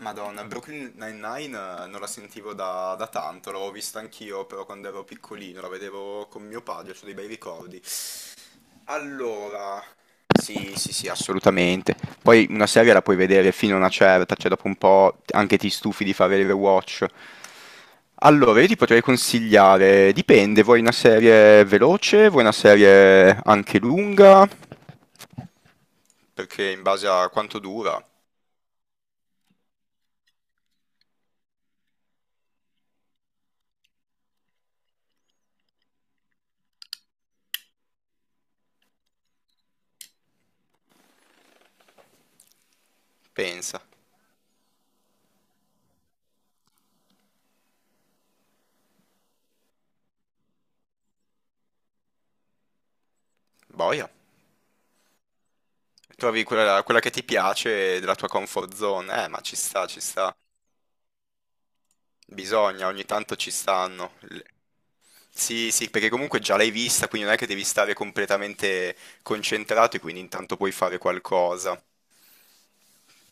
Madonna, Brooklyn Nine-Nine non la sentivo da tanto, l'avevo vista anch'io però quando ero piccolino, la vedevo con mio padre, ho dei bei ricordi. Allora, sì, sì, sì, assolutamente. Poi una serie la puoi vedere fino a una certa, cioè dopo un po' anche ti stufi di fare il rewatch. Allora, io ti potrei consigliare, dipende, vuoi una serie veloce, vuoi una serie anche lunga, perché in base a quanto dura, pensa, boia. Trovi quella che ti piace della tua comfort zone. Ma ci sta, ci sta. Bisogna, ogni tanto ci stanno. Sì, sì, perché comunque già l'hai vista, quindi non è che devi stare completamente concentrato e quindi intanto puoi fare qualcosa.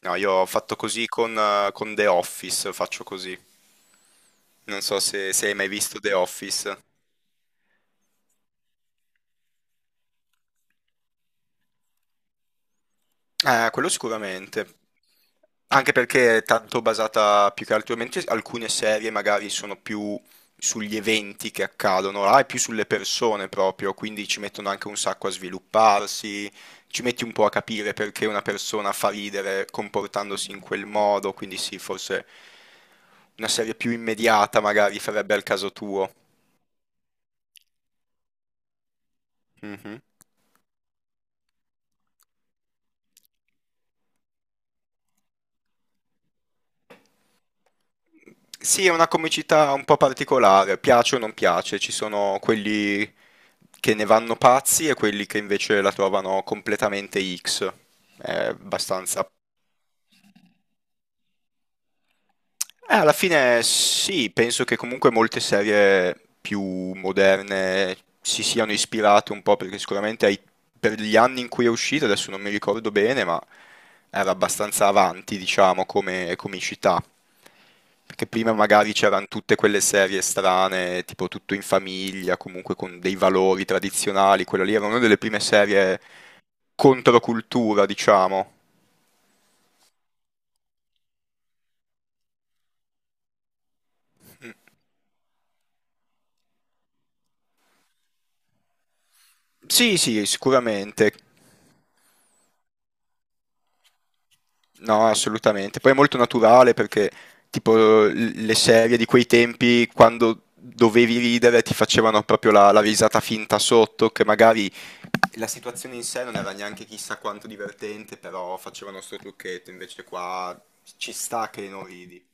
No, io ho fatto così con The Office, faccio così. Non so se hai mai visto The Office. Quello sicuramente. Anche perché è tanto basata più che altro, mentre alcune serie magari sono più sugli eventi che accadono, là è più sulle persone proprio, quindi ci mettono anche un sacco a svilupparsi, ci metti un po' a capire perché una persona fa ridere comportandosi in quel modo, quindi sì, forse una serie più immediata magari farebbe al caso tuo. Mhm. Sì, è una comicità un po' particolare, piace o non piace, ci sono quelli che ne vanno pazzi e quelli che invece la trovano completamente X. È abbastanza. Alla fine sì, penso che comunque molte serie più moderne si siano ispirate un po' perché sicuramente per gli anni in cui è uscita, adesso non mi ricordo bene, ma era abbastanza avanti, diciamo, come comicità. Perché prima magari c'erano tutte quelle serie strane, tipo Tutto in famiglia, comunque con dei valori tradizionali, quella lì era una delle prime serie controcultura, diciamo. Sì, sì, sicuramente. No, assolutamente. Poi è molto naturale perché tipo le serie di quei tempi quando dovevi ridere ti facevano proprio la risata finta sotto, che magari la situazione in sé non era neanche chissà quanto divertente, però facevano sto trucchetto, invece qua ci sta che non ridi.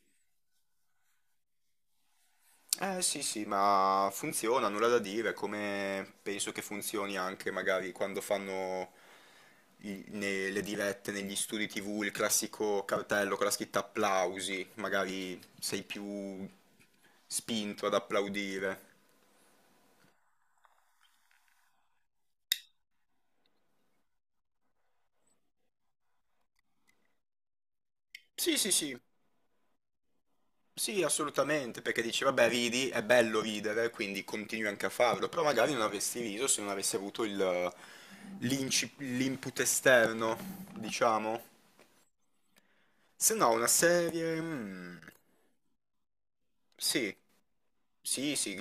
Eh sì sì, ma funziona, nulla da dire, come penso che funzioni anche magari quando fanno nelle dirette, negli studi TV, il classico cartello con la scritta applausi, magari sei più spinto ad applaudire. Sì sì sì, sì assolutamente, perché dici vabbè ridi, è bello ridere, quindi continui anche a farlo, però magari non avresti riso se non avessi avuto l'input esterno, diciamo. Se no, una serie... sì, sì, sì,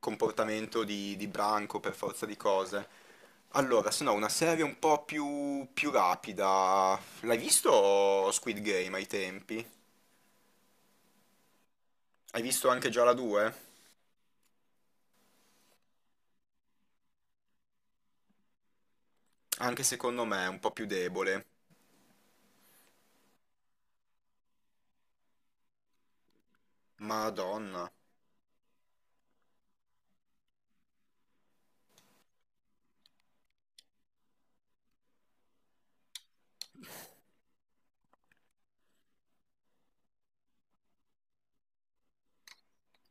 comportamento di branco per forza di cose. Allora, se no, una serie un po' più, più rapida. L'hai visto Squid Game ai tempi? Hai visto anche già la 2? Anche secondo me è un po' più debole. Madonna.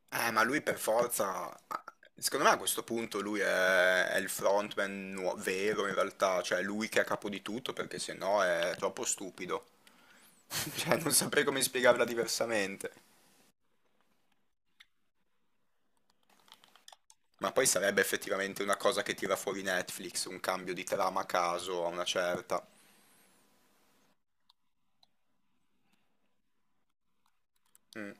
Ma lui per forza... Secondo me a questo punto lui è il frontman vero in realtà, cioè è lui che è a capo di tutto perché se no è troppo stupido. Cioè, non saprei come spiegarla diversamente. Ma poi sarebbe effettivamente una cosa che tira fuori Netflix, un cambio di trama a caso a una certa. Mm.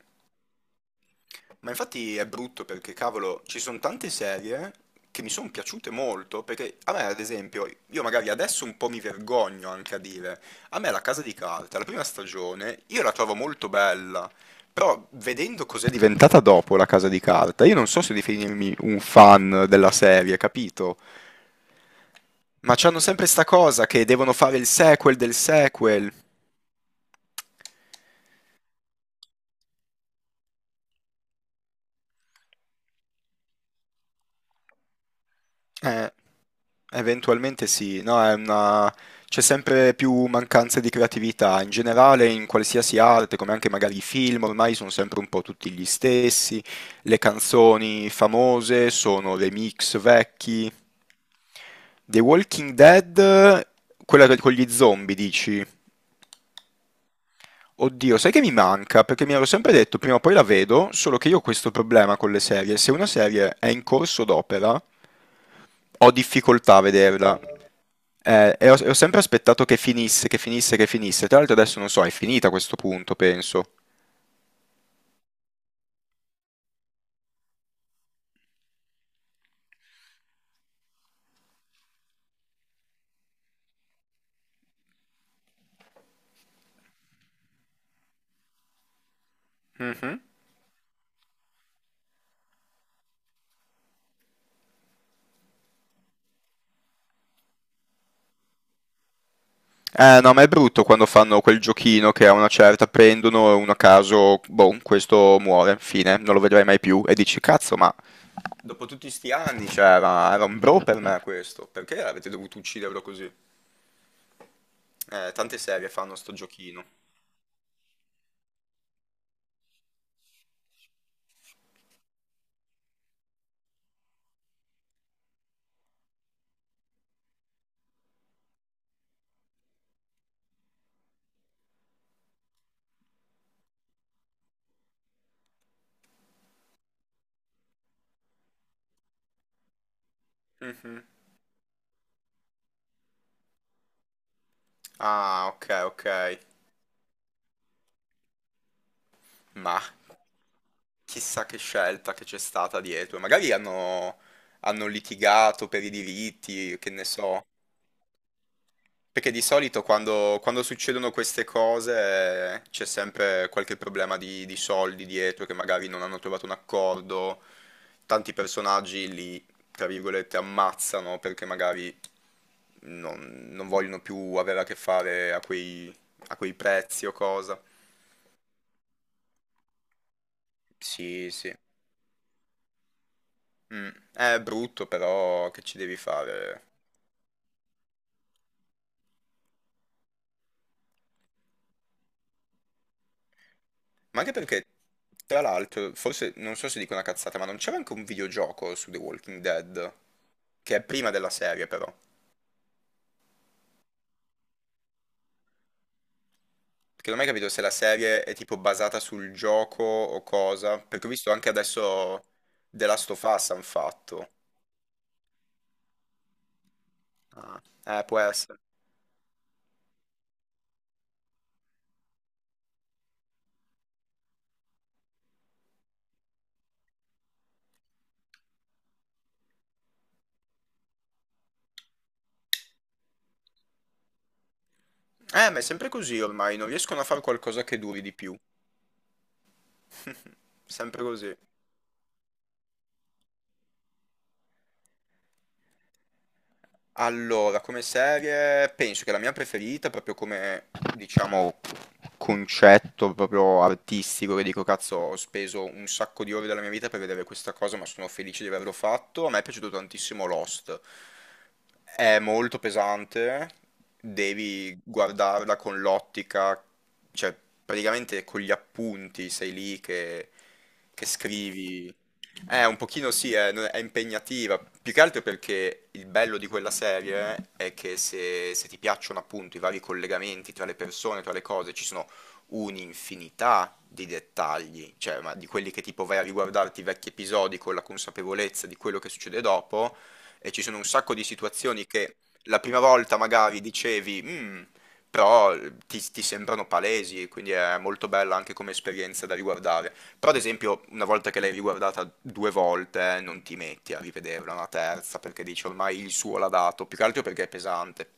Ma infatti è brutto perché, cavolo, ci sono tante serie che mi sono piaciute molto, perché a me, ad esempio, io magari adesso un po' mi vergogno anche a dire, a me La Casa di Carta, la prima stagione, io la trovo molto bella, però vedendo cos'è diventata dopo La Casa di Carta, io non so se definirmi un fan della serie, capito? Ma c'hanno sempre sta cosa che devono fare il sequel del sequel. Eh, eventualmente sì, no, è una... c'è sempre più mancanza di creatività. In generale, in qualsiasi arte, come anche magari i film, ormai sono sempre un po' tutti gli stessi. Le canzoni famose sono remix vecchi. The Walking Dead, quella con gli zombie, dici? Oddio, sai che mi manca? Perché mi ero sempre detto prima o poi la vedo, solo che io ho questo problema con le serie. Se una serie è in corso d'opera, ho difficoltà a vederla. E ho sempre aspettato che finisse, che finisse, che finisse. Tra l'altro adesso non so, è finita a questo punto, penso. Mhm. Eh no, ma è brutto quando fanno quel giochino che a una certa prendono uno a caso, boh, questo muore, fine, non lo vedrai mai più, e dici, cazzo, ma... Dopo tutti sti anni, cioè, era, era un bro per me questo. Perché avete dovuto ucciderlo così? Tante serie fanno sto giochino. Mhm. Ah, ok, ok. Ma chissà che scelta che c'è stata dietro. Magari hanno litigato per i diritti, che ne so. Perché di solito quando succedono queste cose c'è sempre qualche problema di soldi dietro che magari non hanno trovato un accordo, tanti personaggi li, tra virgolette, ammazzano perché magari non, non, vogliono più avere a che fare a quei prezzi o cosa. Sì, sì. Mm. È brutto, però che ci devi fare? Ma anche perché, tra l'altro, forse non so se dico una cazzata, ma non c'era anche un videogioco su The Walking Dead? Che è prima della serie, però. Perché non ho mai capito se la serie è tipo basata sul gioco o cosa. Perché ho visto anche adesso The Last of Us hanno fatto. Ah, può essere. Ma è sempre così ormai, non riescono a fare qualcosa che duri di più. Sempre così. Allora, come serie, penso che la mia preferita, proprio come, diciamo, concetto proprio artistico, che dico, cazzo, ho speso un sacco di ore della mia vita per vedere questa cosa, ma sono felice di averlo fatto. A me è piaciuto tantissimo Lost. È molto pesante, devi guardarla con l'ottica, cioè, praticamente con gli appunti sei lì che scrivi. Un pochino sì, è impegnativa, più che altro perché il bello di quella serie è che se, se ti piacciono appunto i vari collegamenti tra le persone, tra le cose, ci sono un'infinità di dettagli, cioè ma di quelli che tipo vai a riguardarti i vecchi episodi con la consapevolezza di quello che succede dopo, e ci sono un sacco di situazioni che la prima volta magari dicevi, "Mm", però ti sembrano palesi, quindi è molto bella anche come esperienza da riguardare. Però ad esempio una volta che l'hai riguardata due volte non ti metti a rivederla una terza perché dici ormai il suo l'ha dato, più che altro perché è pesante.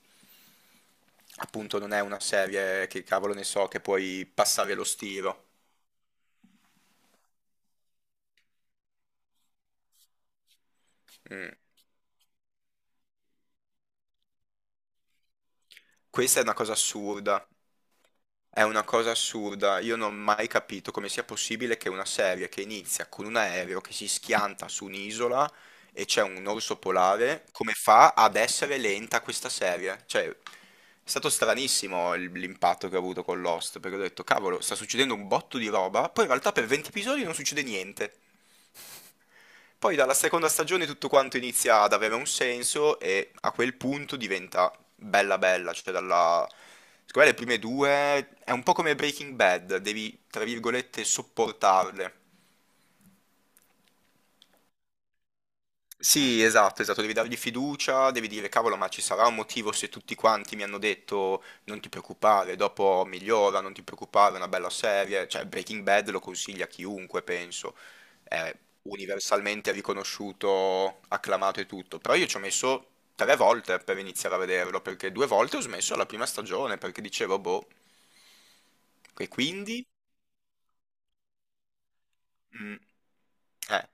Appunto non è una serie che cavolo ne so che puoi passare lo stiro. Mm. Questa è una cosa assurda. È una cosa assurda, io non ho mai capito come sia possibile che una serie che inizia con un aereo che si schianta su un'isola e c'è un orso polare, come fa ad essere lenta questa serie? Cioè, è stato stranissimo l'impatto che ho avuto con Lost, perché ho detto, cavolo, sta succedendo un botto di roba, poi in realtà per 20 episodi non succede niente. Poi dalla seconda stagione tutto quanto inizia ad avere un senso e a quel punto diventa bella bella, cioè dalla... Secondo me le prime due è un po' come Breaking Bad, devi, tra virgolette, sopportarle. Sì, esatto, esatto, devi dargli fiducia, devi dire cavolo, ma ci sarà un motivo se tutti quanti mi hanno detto non ti preoccupare, dopo migliora, non ti preoccupare, è una bella serie, cioè Breaking Bad lo consiglia a chiunque, penso, è universalmente riconosciuto, acclamato e tutto, però io ci ho messo tre volte per iniziare a vederlo, perché due volte ho smesso alla prima stagione, perché dicevo, boh, e quindi... mm, eh.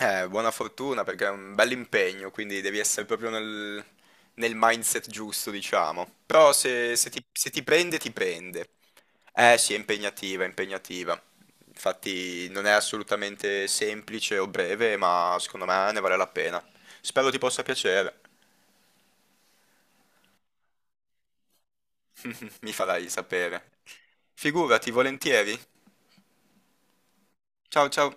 Buona fortuna perché è un bel impegno, quindi devi essere proprio nel mindset giusto, diciamo. Però se, se ti prende, ti prende. Eh sì, è impegnativa, è impegnativa. Infatti non è assolutamente semplice o breve, ma secondo me ne vale la pena. Spero ti possa piacere. Mi farai sapere. Figurati, volentieri. Ciao ciao.